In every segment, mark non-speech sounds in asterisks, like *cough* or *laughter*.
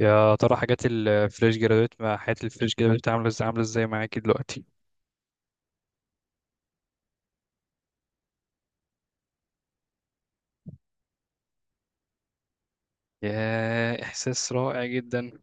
يا ترى حاجات الفريش جرادويت مع حياة الفريش جرادويت *laughs* عاملة ازاي معاكي دلوقتي؟ يا إحساس رائع جدا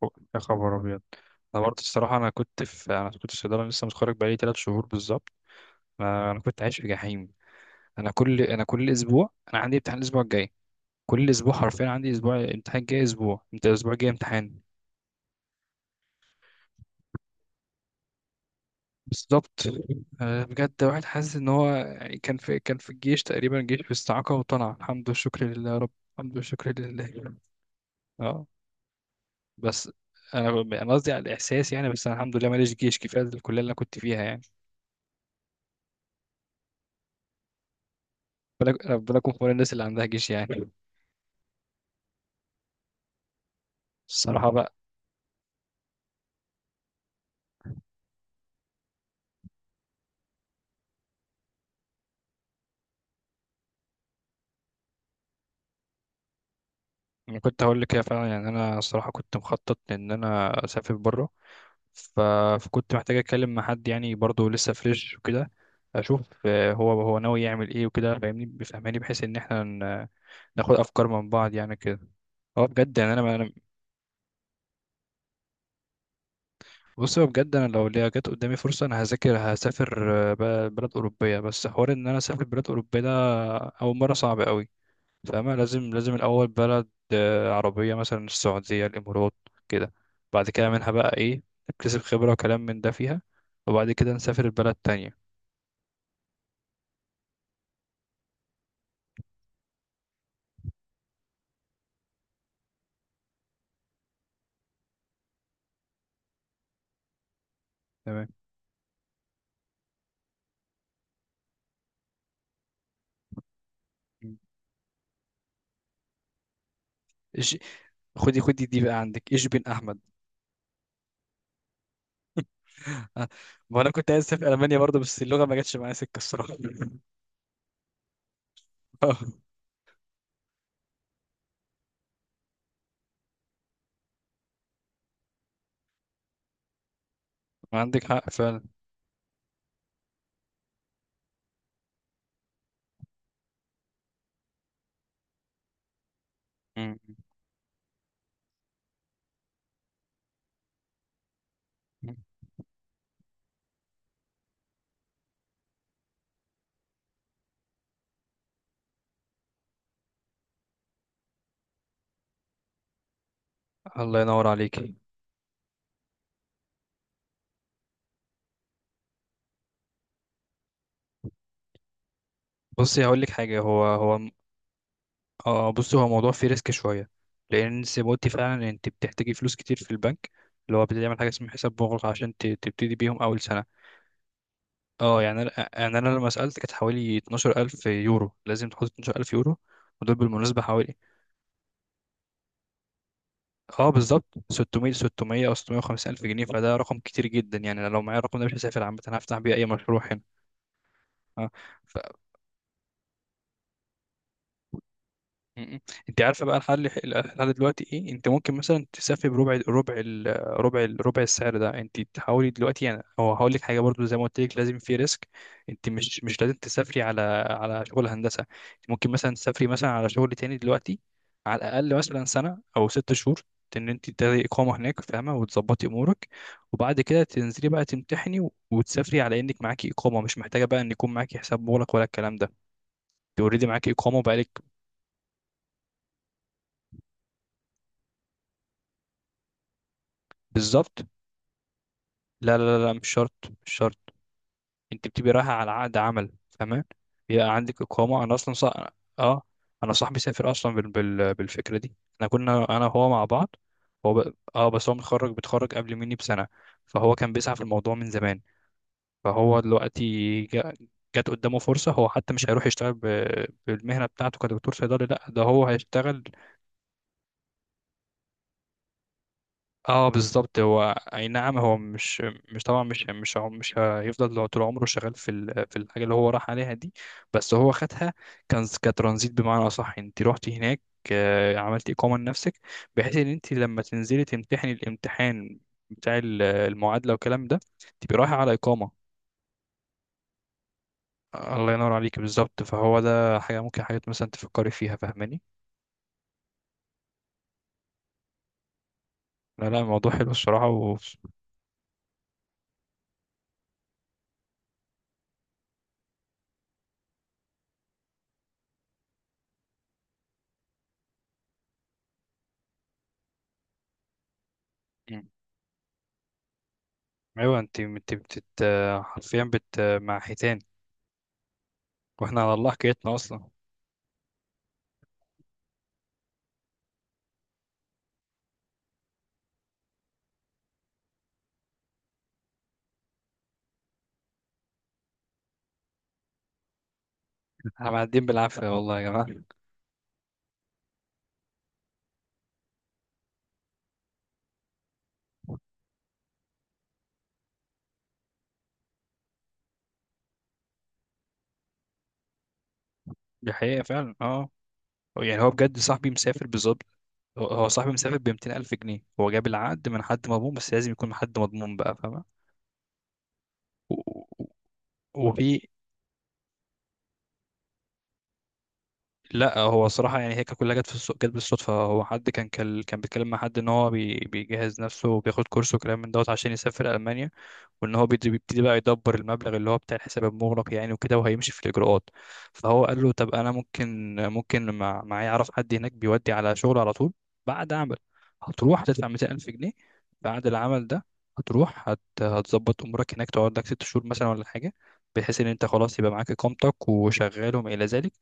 فوق. يا خبر أبيض. أنا برضه الصراحة أنا كنت في صيدلة، لسه متخرج بقالي 3 شهور بالظبط. أنا كنت عايش في جحيم. أنا كل أسبوع أنا عندي امتحان الأسبوع الجاي. كل أسبوع حرفيا عندي أسبوع امتحان جاي أسبوع، أنت الأسبوع الجاي امتحان. بالظبط. بجد واحد حاسس إن هو يعني كان في الجيش تقريبا، جيش في استعاقة وطلع. الحمد والشكر لله يا رب. الحمد والشكر لله. اه، بس انا انا قصدي على الاحساس يعني، بس انا الحمد لله ماليش جيش، كفايه الكليه اللي انا كنت فيها يعني. ربنا يكون في عون الناس اللي عندها جيش يعني. الصراحه بقى. انا كنت هقول لك كده فعلا، يعني انا الصراحه كنت مخطط ان انا اسافر بره. ف... فكنت محتاج اتكلم مع حد يعني، برضه لسه فريش وكده. اشوف هو ناوي يعمل ايه وكده، فاهمني بيفهمني بحيث ان احنا ناخد افكار من بعض يعني كده. هو بجد يعني انا. بص، هو بجد انا لو ليا جت قدامي فرصه انا هذاكر هسافر بلد اوروبيه. بس حوار ان انا اسافر بلد اوروبيه ده اول مره صعب قوي. فاهمة؟ لازم الاول بلد عربيه، مثلا السعوديه، الامارات كده. بعد كده منها بقى ايه، اكتسب خبره وكلام من ده فيها، وبعد كده نسافر البلد تانية. تمام. مم. إيش، خدي خدي دي بقى، عندك ايش بن احمد. *laughs* آه، ما انا كنت عايز اسافر المانيا برضه، بس اللغه ما جاتش معايا سكه الصراحه. *laughs* آه، عندك حق فعلا. مم. الله ينور عليك. بصي هقول لك حاجه. هو اه، بصي، هو موضوع فيه ريسك شويه، لان زي ما قلتي فعلا انت بتحتاجي فلوس كتير في البنك، اللي هو بتعمل حاجه اسمها حساب مغلق عشان تبتدي بيهم اول سنه. اه، يعني انا لما سالت كانت حوالي 12000 يورو، لازم تحط 12000 يورو، ودول بالمناسبه حوالي، اه بالظبط 600، 600 او 650 الف جنيه، فده رقم كتير جدا، يعني انا لو معايا الرقم ده مش هسافر عامه، هفتح بيه اي مشروع هنا. اه. م- م. انت عارفه بقى الحل؟ الحل دلوقتي ايه؟ انت ممكن مثلا تسافر بربع ربع ال- ربع ال- ربع السعر ده، انت تحاولي دلوقتي يعني. هو هقول لك حاجه برضو، زي ما قلت لك لازم في ريسك. انت مش لازم تسافري على شغل هندسه. انت ممكن مثلا تسافري مثلا على شغل تاني دلوقتي، على الاقل مثلا سنه او 6 شهور، ان انت تاخدي اقامه هناك، فاهمه، وتظبطي امورك، وبعد كده تنزلي بقى تمتحني وتسافري على انك معاكي اقامه، مش محتاجه بقى ان يكون معاكي حساب مغلق ولا الكلام ده، اوريدي معاكي اقامه بقالك. بالظبط. لا، لا، لا، مش شرط. مش شرط. انت بتبقي رايحه على عقد عمل. تمام، بيبقى عندك اقامه. انا اصلا صح... اه، انا صاحبي سافر اصلا بالفكره دي. احنا كنا انا وهو مع بعض. هو ب... اه بس هو بيتخرج قبل مني بسنه، فهو كان بيسعى في الموضوع من زمان. فهو دلوقتي جات قدامه فرصه، هو حتى مش هيروح يشتغل بالمهنه بتاعته كدكتور صيدلي، لا ده هو هيشتغل. اه، بالظبط. هو اي نعم، هو مش مش طبعا مش مش هو- مش هيفضل لو طول عمره شغال في الحاجه اللي هو راح عليها دي، بس هو خدها كان كترانزيت. بمعنى اصح، انت رحتي هناك، عملتي اقامه لنفسك، بحيث ان انت لما تنزلي تمتحني الامتحان بتاع المعادله والكلام ده، تبقي رايحه على اقامه. الله ينور عليك، بالظبط. فهو ده حاجه ممكن، حاجات مثلا تفكري فيها، فاهماني؟ لا، لا، الموضوع حلو الصراحه مم. ايوه، انت بتت، حرفيا بت مع حيتان، واحنا على الله حكايتنا اصلا. *laughs* احنا معديين بالعافيه والله يا جماعه. دي حقيقه فعلا، اه. يعني هو بجد صاحبي مسافر بالظبط. هو صاحبي مسافر ب 200 الف جنيه، هو جاب العقد من حد مضمون بس لازم يكون حد مضمون بقى، فاهمه؟ و- و- وفي لا، هو صراحه يعني هي كانت كلها جت بالصدفه. هو حد كان بيتكلم مع حد ان هو بيجهز نفسه وبياخد كورس وكلام من دوت عشان يسافر المانيا، وان هو بيبتدي بقى يدبر المبلغ اللي هو بتاع الحساب المغلق يعني، وكده وهيمشي في الاجراءات. فهو قال له: طب انا ممكن معايا اعرف حد هناك بيودي على شغل على طول، بعد عمل هتروح هتدفع 200000 جنيه، بعد العمل ده هتروح هتظبط امورك هناك، تقعد لك 6 شهور مثلا ولا حاجه، بحيث ان انت خلاص يبقى معاك اقامتك وشغال وما الى ذلك،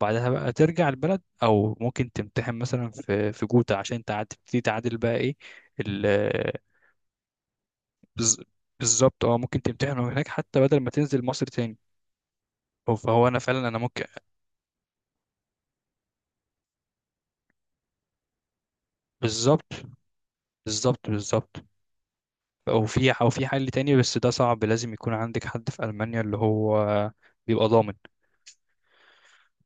وبعدها بقى ترجع البلد، او ممكن تمتحن مثلا في جوتا عشان تبتدي تعادل بقى ايه. بز... بالظبط. اه، ممكن تمتحنه هناك حتى بدل ما تنزل مصر تاني. فهو انا فعلا انا ممكن. بالظبط، بالظبط، بالظبط. او في حل تاني بس ده صعب، لازم يكون عندك حد في المانيا اللي هو بيبقى ضامن.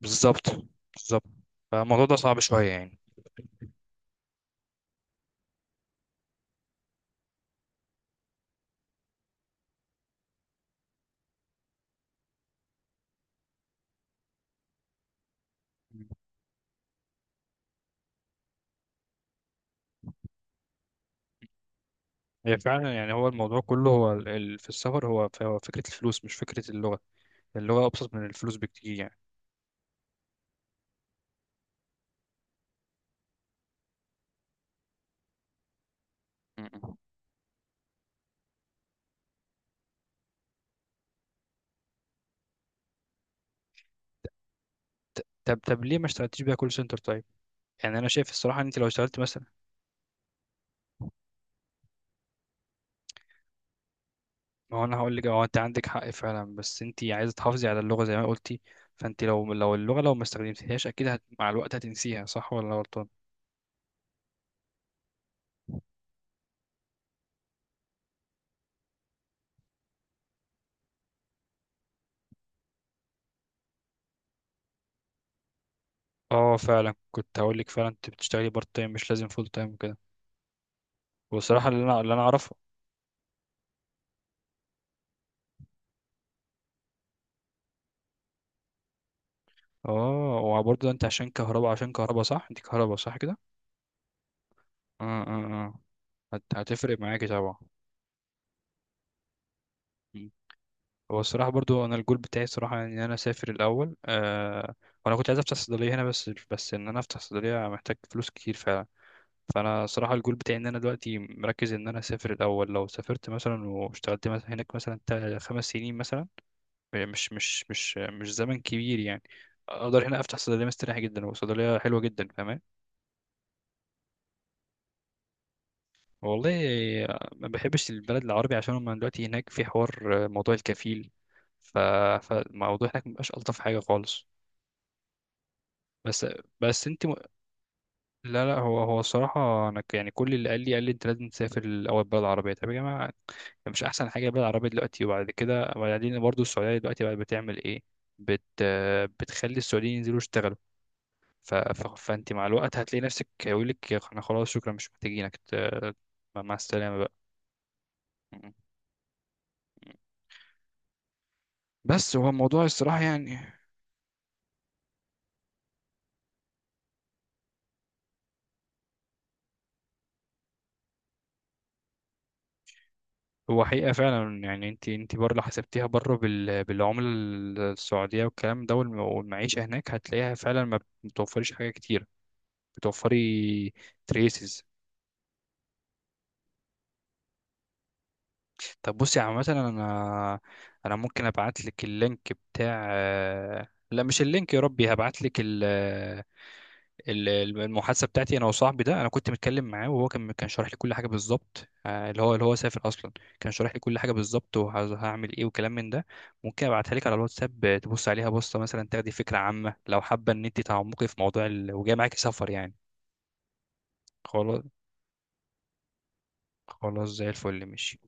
بالظبط، بالظبط. فالموضوع ده صعب شويه يعني. مم. هي فعلا يعني، هو الموضوع كله هو في السفر، هو هو فكره الفلوس مش فكره اللغه، اللغه ابسط من الفلوس بكتير يعني. م- م. طب ليه ما اشتغلتيش بيها كول سنتر طيب؟ يعني انا شايف الصراحه ان انت لو اشتغلت مثلا... ما هو انا هقول لك، هو انت عندك حق فعلا، بس انت عايزه تحافظي على اللغه زي ما قلتي، فانت لو اللغه لو ما استخدمتيهاش اكيد مع الوقت هتنسيها، صح ولا أنا غلطان؟ اه فعلا، كنت هقول لك فعلا انت بتشتغلي بارت تايم مش لازم فول تايم وكده، والصراحه اللي انا اعرفه، اه، وبرضه انت عشان كهرباء صح؟ انت كهرباء صح كده؟ اه، اه، اه. هتفرق معاكي طبعا. مم. هو الصراحة برضو أنا الجول بتاعي الصراحة إن أنا أسافر الأول، أه. وأنا كنت عايز أفتح صيدلية هنا، بس إن أنا أفتح صيدلية محتاج فلوس كتير فعلا. فانا صراحه الجول بتاعي ان انا دلوقتي مركز ان انا اسافر الاول. لو سافرت مثلا واشتغلت هناك مثلا 5 سنين مثلا، مش زمن كبير يعني، اقدر هنا افتح صيدليه مستريح جدا، وصيدليه حلوه جدا، فاهمان؟ والله ما بحبش البلد العربي، عشان هم دلوقتي هناك في حوار موضوع الكفيل. ف... فالموضوع هناك مبقاش الطف حاجه خالص. بس بس انت... لا، لا، هو الصراحة أنا يعني كل اللي قال لي أنت لازم تسافر الأول بلد عربية، طب يا جماعة، مش أحسن حاجة البلد العربية دلوقتي؟ وبعد كده وبعدين برضه السعودية دلوقتي بقت بتعمل إيه؟ بت بتخلي السعوديين ينزلوا يشتغلوا، فأنت مع الوقت هتلاقي نفسك يقول لك إحنا خلاص شكرا مش محتاجينك، مع السلامة بقى. بس هو الموضوع الصراحة يعني، هو حقيقة فعلا يعني، انت بره لو حسبتيها بره بالعملة السعودية والكلام ده والمعيشة هناك هتلاقيها فعلا ما بتوفرش حاجة كتير، بتوفري تريسز. طب بصي، عامة انا انا ممكن ابعت لك اللينك بتاع... لا، مش اللينك، يا ربي هبعت لك ال- المحادثة بتاعتي انا وصاحبي ده، انا كنت متكلم معاه وهو كان شارح لي كل حاجة بالظبط، اللي هو سافر اصلا، كان شارح لي كل حاجة بالظبط وهعمل ايه وكلام من ده، ممكن ابعتها لك على الواتساب، تبص عليها بصة مثلا، تاخدي فكرة عامة لو حابة ان انت تعمقي في موضوع وجاي معاكي سفر يعني. خلاص، خلاص زي الفل، ماشي.